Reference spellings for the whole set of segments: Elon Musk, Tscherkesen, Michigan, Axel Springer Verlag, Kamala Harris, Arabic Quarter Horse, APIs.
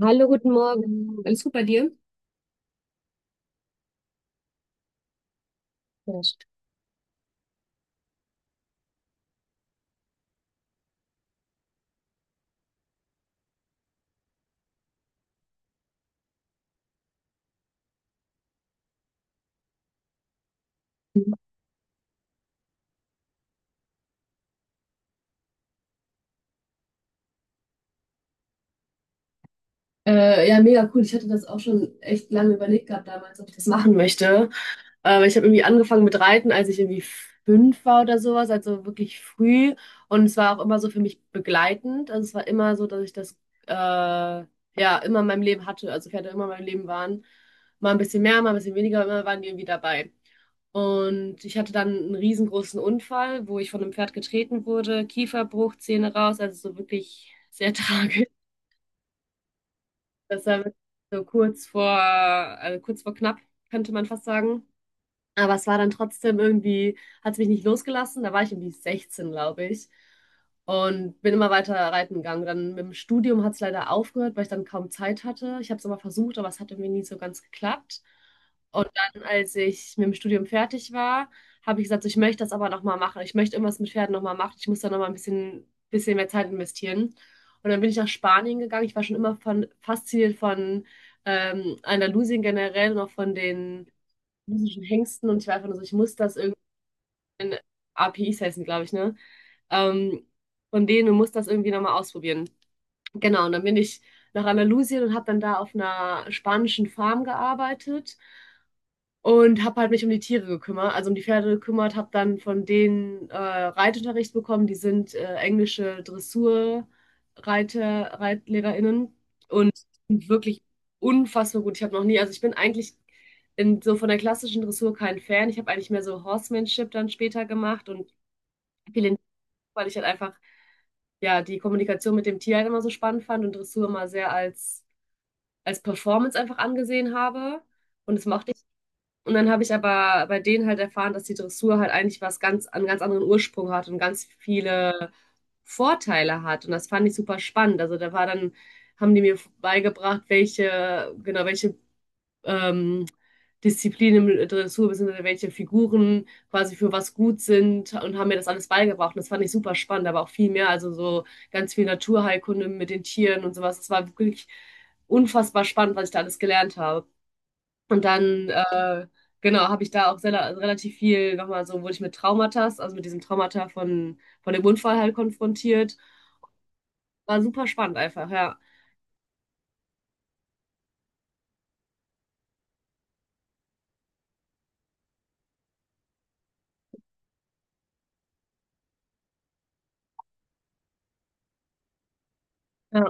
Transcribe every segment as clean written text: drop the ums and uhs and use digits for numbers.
Hallo, guten Morgen. Alles gut. Ja, mega cool. Ich hatte das auch schon echt lange überlegt gehabt damals, ob ich das machen möchte. Ich habe irgendwie angefangen mit Reiten, als ich irgendwie 5 war oder sowas, also wirklich früh. Und es war auch immer so für mich begleitend. Also es war immer so, dass ich das ja immer in meinem Leben hatte. Also Pferde immer in meinem Leben waren. Mal ein bisschen mehr, mal ein bisschen weniger, aber immer waren die irgendwie dabei. Und ich hatte dann einen riesengroßen Unfall, wo ich von einem Pferd getreten wurde, Kieferbruch, Zähne raus, also so wirklich sehr tragisch. Das war wirklich so kurz vor, also kurz vor knapp, könnte man fast sagen. Aber es war dann trotzdem irgendwie, hat es mich nicht losgelassen. Da war ich irgendwie 16, glaube ich. Und bin immer weiter reiten gegangen. Dann mit dem Studium hat es leider aufgehört, weil ich dann kaum Zeit hatte. Ich habe es immer versucht, aber es hat irgendwie nie so ganz geklappt. Und dann, als ich mit dem Studium fertig war, habe ich gesagt, so, ich möchte das aber nochmal machen. Ich möchte irgendwas mit Pferden nochmal machen. Ich muss da nochmal ein bisschen mehr Zeit investieren. Und dann bin ich nach Spanien gegangen. Ich war schon immer von, fasziniert von Andalusien generell und auch von den russischen Hengsten und ich war einfach nur so, ich muss das irgendwie, APIs heißen, glaube ich, ne? Ähm, von denen, du musst das irgendwie nochmal ausprobieren. Genau, und dann bin ich nach Andalusien und habe dann da auf einer spanischen Farm gearbeitet und habe halt mich um die Tiere gekümmert, also um die Pferde gekümmert, habe dann von denen Reitunterricht bekommen. Die sind englische Dressurreiter, ReitlehrerInnen und sind wirklich unfassbar gut. Ich habe noch nie, also ich bin eigentlich in, so von der klassischen Dressur kein Fan. Ich habe eigentlich mehr so Horsemanship dann später gemacht und viel, in, weil ich halt einfach ja die Kommunikation mit dem Tier halt immer so spannend fand und Dressur immer sehr als Performance einfach angesehen habe und das mochte. Und dann habe ich aber bei denen halt erfahren, dass die Dressur halt eigentlich was ganz, einen ganz anderen Ursprung hat und ganz viele Vorteile hat. Und das fand ich super spannend. Also da war dann, haben die mir beigebracht, welche, genau, welche ähm, Disziplinen im Dressur, beziehungsweise welche Figuren quasi für was gut sind und haben mir das alles beigebracht. Und das fand ich super spannend, aber auch viel mehr. Also so ganz viel Naturheilkunde mit den Tieren und sowas. Das war wirklich unfassbar spannend, was ich da alles gelernt habe. Und dann, genau, habe ich da auch relativ viel nochmal so, wurde ich mit Traumata, also mit diesem Traumata von dem Unfall halt konfrontiert. War super spannend einfach, ja. Ja,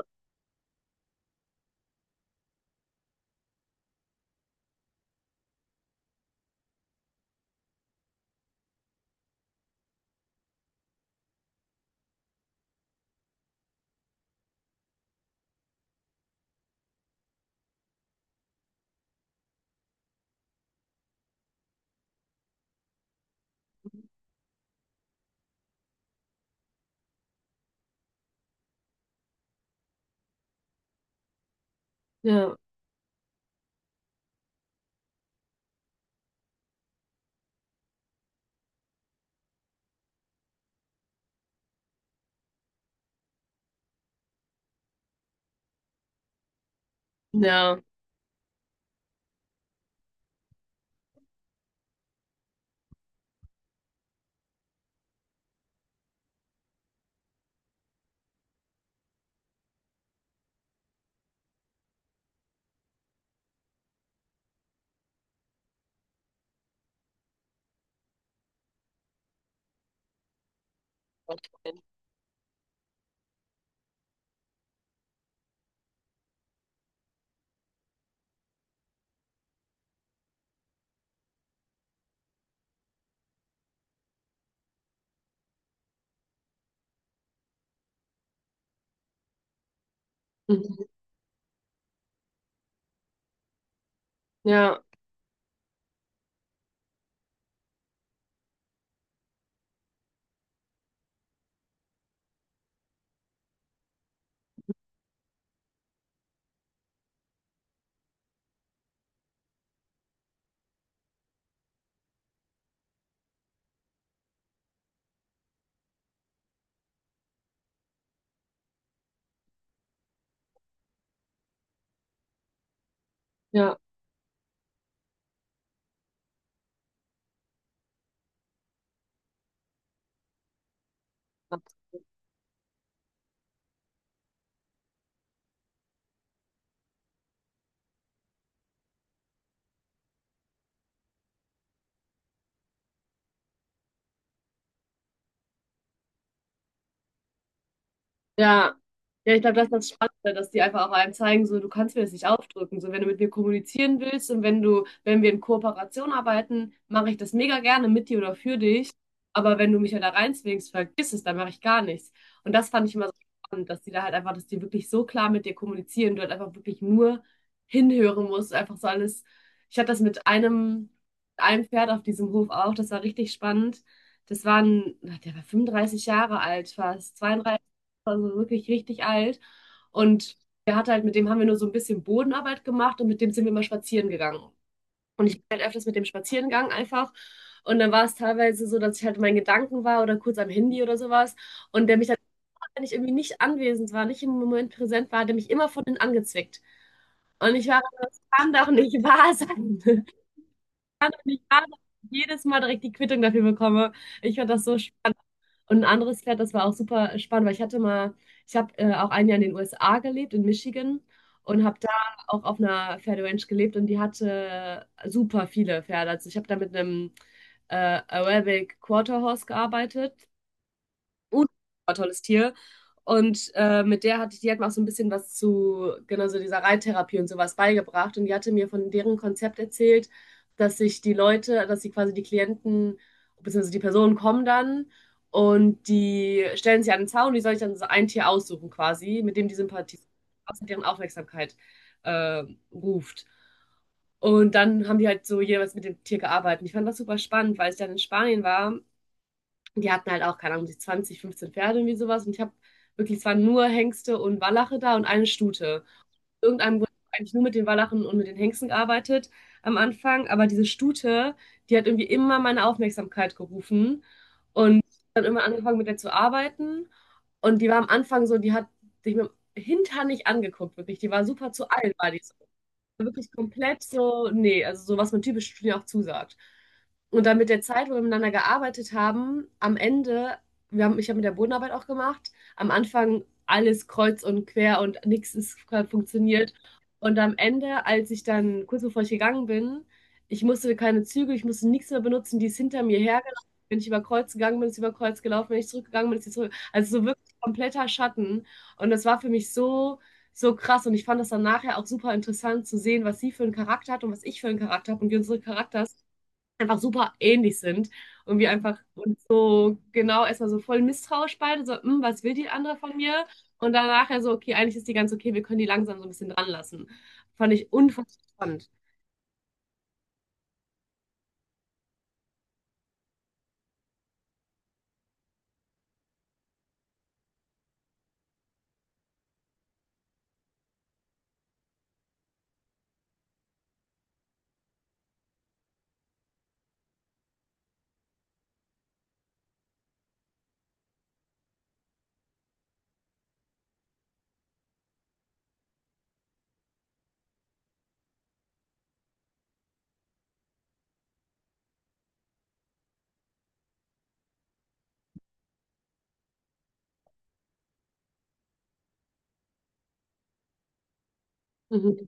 ja, ja. Mhm. Ja, ja. Ja, ja, ich glaube, das ist das Spannende, dass die einfach auch einem zeigen, so, du kannst mir das nicht aufdrücken. So, wenn du mit mir kommunizieren willst und wenn du, wenn wir in Kooperation arbeiten, mache ich das mega gerne mit dir oder für dich. Aber wenn du mich ja da reinzwingst, vergiss es, dann mache ich gar nichts. Und das fand ich immer so spannend, dass die da halt einfach, dass die wirklich so klar mit dir kommunizieren, du halt einfach wirklich nur hinhören musst, einfach so alles. Ich hatte das mit einem Pferd auf diesem Hof auch, das war richtig spannend. Das war ein, na, der war 35 Jahre alt, fast 32, also wirklich richtig alt. Und der hat halt, mit dem haben wir nur so ein bisschen Bodenarbeit gemacht und mit dem sind wir immer spazieren gegangen. Und ich bin halt öfters mit dem spazieren gegangen einfach. Und dann war es teilweise so, dass ich halt in meinen Gedanken war oder kurz am Handy oder sowas. Und der mich dann, wenn ich irgendwie nicht anwesend war, nicht im Moment präsent war, hat der mich immer von innen angezwickt. Und ich war, das kann doch nicht wahr sein. Und ich war, dass ich jedes Mal direkt die Quittung dafür bekomme. Ich fand das so schön. Und ein anderes Pferd, das war auch super spannend, weil ich hatte mal, ich habe auch ein Jahr in den USA gelebt, in Michigan, und habe da auch auf einer Pferderanch gelebt und die hatte super viele Pferde. Also ich habe da mit einem Arabic Quarter Horse gearbeitet, tolles Tier. Und mit der hatte ich, die hat mir auch so ein bisschen was zu, genau so dieser Reittherapie und sowas beigebracht. Und die hatte mir von deren Konzept erzählt, dass sich die Leute, dass sie quasi die Klienten, beziehungsweise die Personen kommen dann und die stellen sich an den Zaun, die soll ich dann so ein Tier aussuchen quasi, mit dem die Sympathie, außer deren Aufmerksamkeit äh, ruft. Und dann haben die halt so jeweils mit dem Tier gearbeitet. Ich fand das super spannend, weil ich dann in Spanien war, die hatten halt auch, keine Ahnung, die 20, 15 Pferde, irgendwie sowas. Und ich habe wirklich, es waren nur Hengste und Wallache da und eine Stute. Irgendeinem Grund hab ich eigentlich nur mit den Wallachen und mit den Hengsten gearbeitet am Anfang. Aber diese Stute, die hat irgendwie immer meine Aufmerksamkeit gerufen. Und dann immer angefangen, mit der zu arbeiten. Und die war am Anfang so, die hat sich mit dem Hintern nicht angeguckt, wirklich. Die war super zu allen, war die so wirklich komplett so, nee, also so, was man typisch Studien auch zusagt. Und dann mit der Zeit, wo wir miteinander gearbeitet haben, am Ende, wir haben, ich habe mit der Bodenarbeit auch gemacht, am Anfang alles kreuz und quer und nichts ist funktioniert. Und am Ende, als ich dann, kurz bevor ich gegangen bin, ich musste keine Züge, ich musste nichts mehr benutzen, die ist hinter mir hergelaufen. Wenn ich über Kreuz gegangen bin, ist sie über Kreuz gelaufen. Wenn ich zurückgegangen bin, ist sie zurück. Also so wirklich kompletter Schatten. Und das war für mich so so krass. Und ich fand das dann nachher auch super interessant zu sehen, was sie für einen Charakter hat und was ich für einen Charakter habe und wie unsere Charakters einfach super ähnlich sind und wir einfach uns so genau erstmal so voll misstrauisch beide, so, "Hm, was will die andere von mir?" Und dann nachher so, okay, eigentlich ist die ganz okay, wir können die langsam so ein bisschen dran lassen. Fand ich unfassbar spannend. Mhm.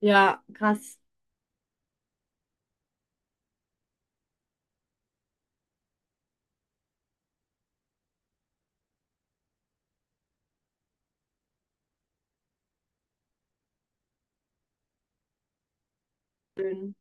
Ja, krass. Schön.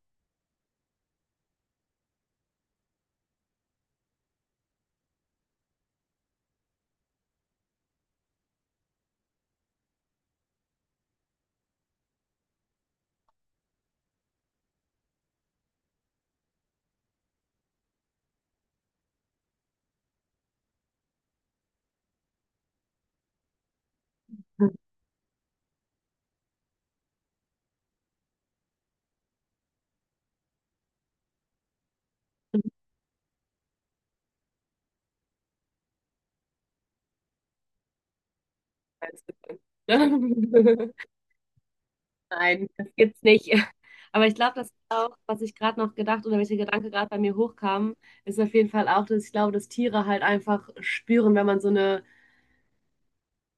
Ja. Nein, das gibt's nicht. Aber ich glaube, das ist auch, was ich gerade noch gedacht oder welcher Gedanke gerade bei mir hochkam, ist auf jeden Fall auch, dass ich glaube, dass Tiere halt einfach spüren, wenn man so eine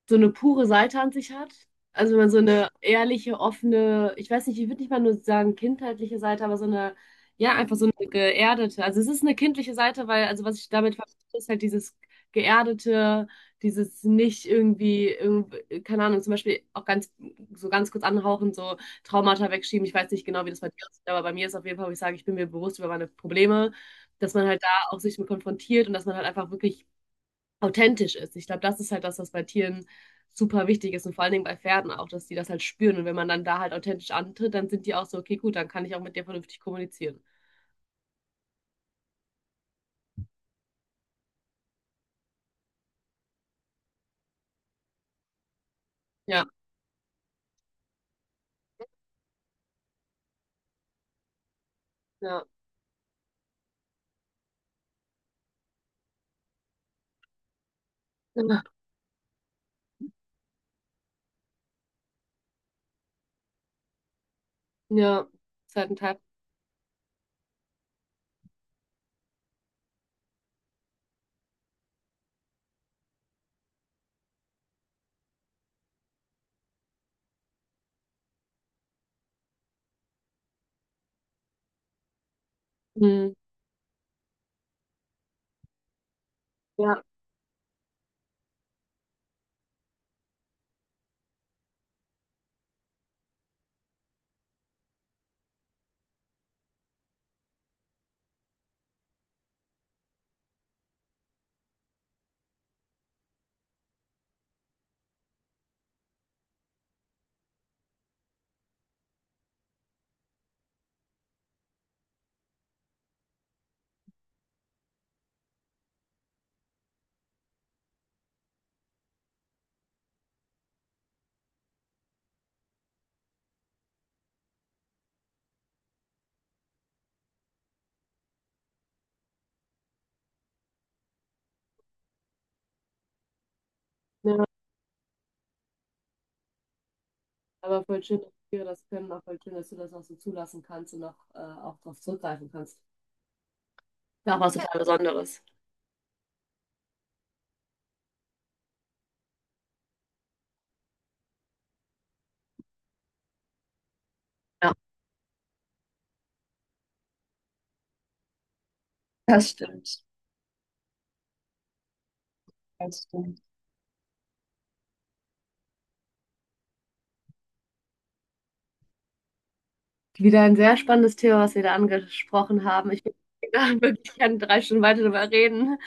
so eine pure Seite an sich hat. Also wenn man so eine ehrliche, offene, ich weiß nicht, ich würde nicht mal nur sagen kindheitliche Seite, aber so eine, ja, einfach so eine geerdete. Also es ist eine kindliche Seite, weil, also was ich damit verstehe, ist halt dieses geerdete, dieses nicht irgendwie, keine Ahnung, zum Beispiel auch ganz, so ganz kurz anhauchen, so Traumata wegschieben. Ich weiß nicht genau, wie das bei dir aussieht, aber bei mir ist auf jeden Fall, wo ich sage, ich bin mir bewusst über meine Probleme, dass man halt da auch sich mit konfrontiert und dass man halt einfach wirklich authentisch ist. Ich glaube, das ist halt das, was bei Tieren super wichtig ist und vor allen Dingen bei Pferden auch, dass die das halt spüren. Und wenn man dann da halt authentisch antritt, dann sind die auch so, okay, gut, dann kann ich auch mit dir vernünftig kommunizieren. Ja, ja, ja, ist halt ein Teil. Mhm. Ja, ja, aber voll schön, dass Tiere das können, auch voll schön, dass du das auch so zulassen kannst und auch, auch darauf zurückgreifen kannst. Ist auch was total Besonderes. Wieder ein sehr spannendes Thema, was wir da angesprochen haben. Ich würde da wirklich gerne 3 Stunden weiter darüber reden.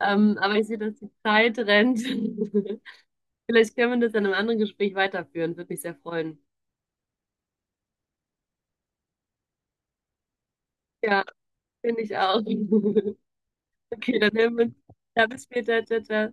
Aber ich sehe, dass die Zeit rennt. Vielleicht können wir das in einem anderen Gespräch weiterführen. Würde mich sehr freuen. Ja, finde ich auch. Okay, dann hören wir uns. Ja, bis später. Ciao, ciao.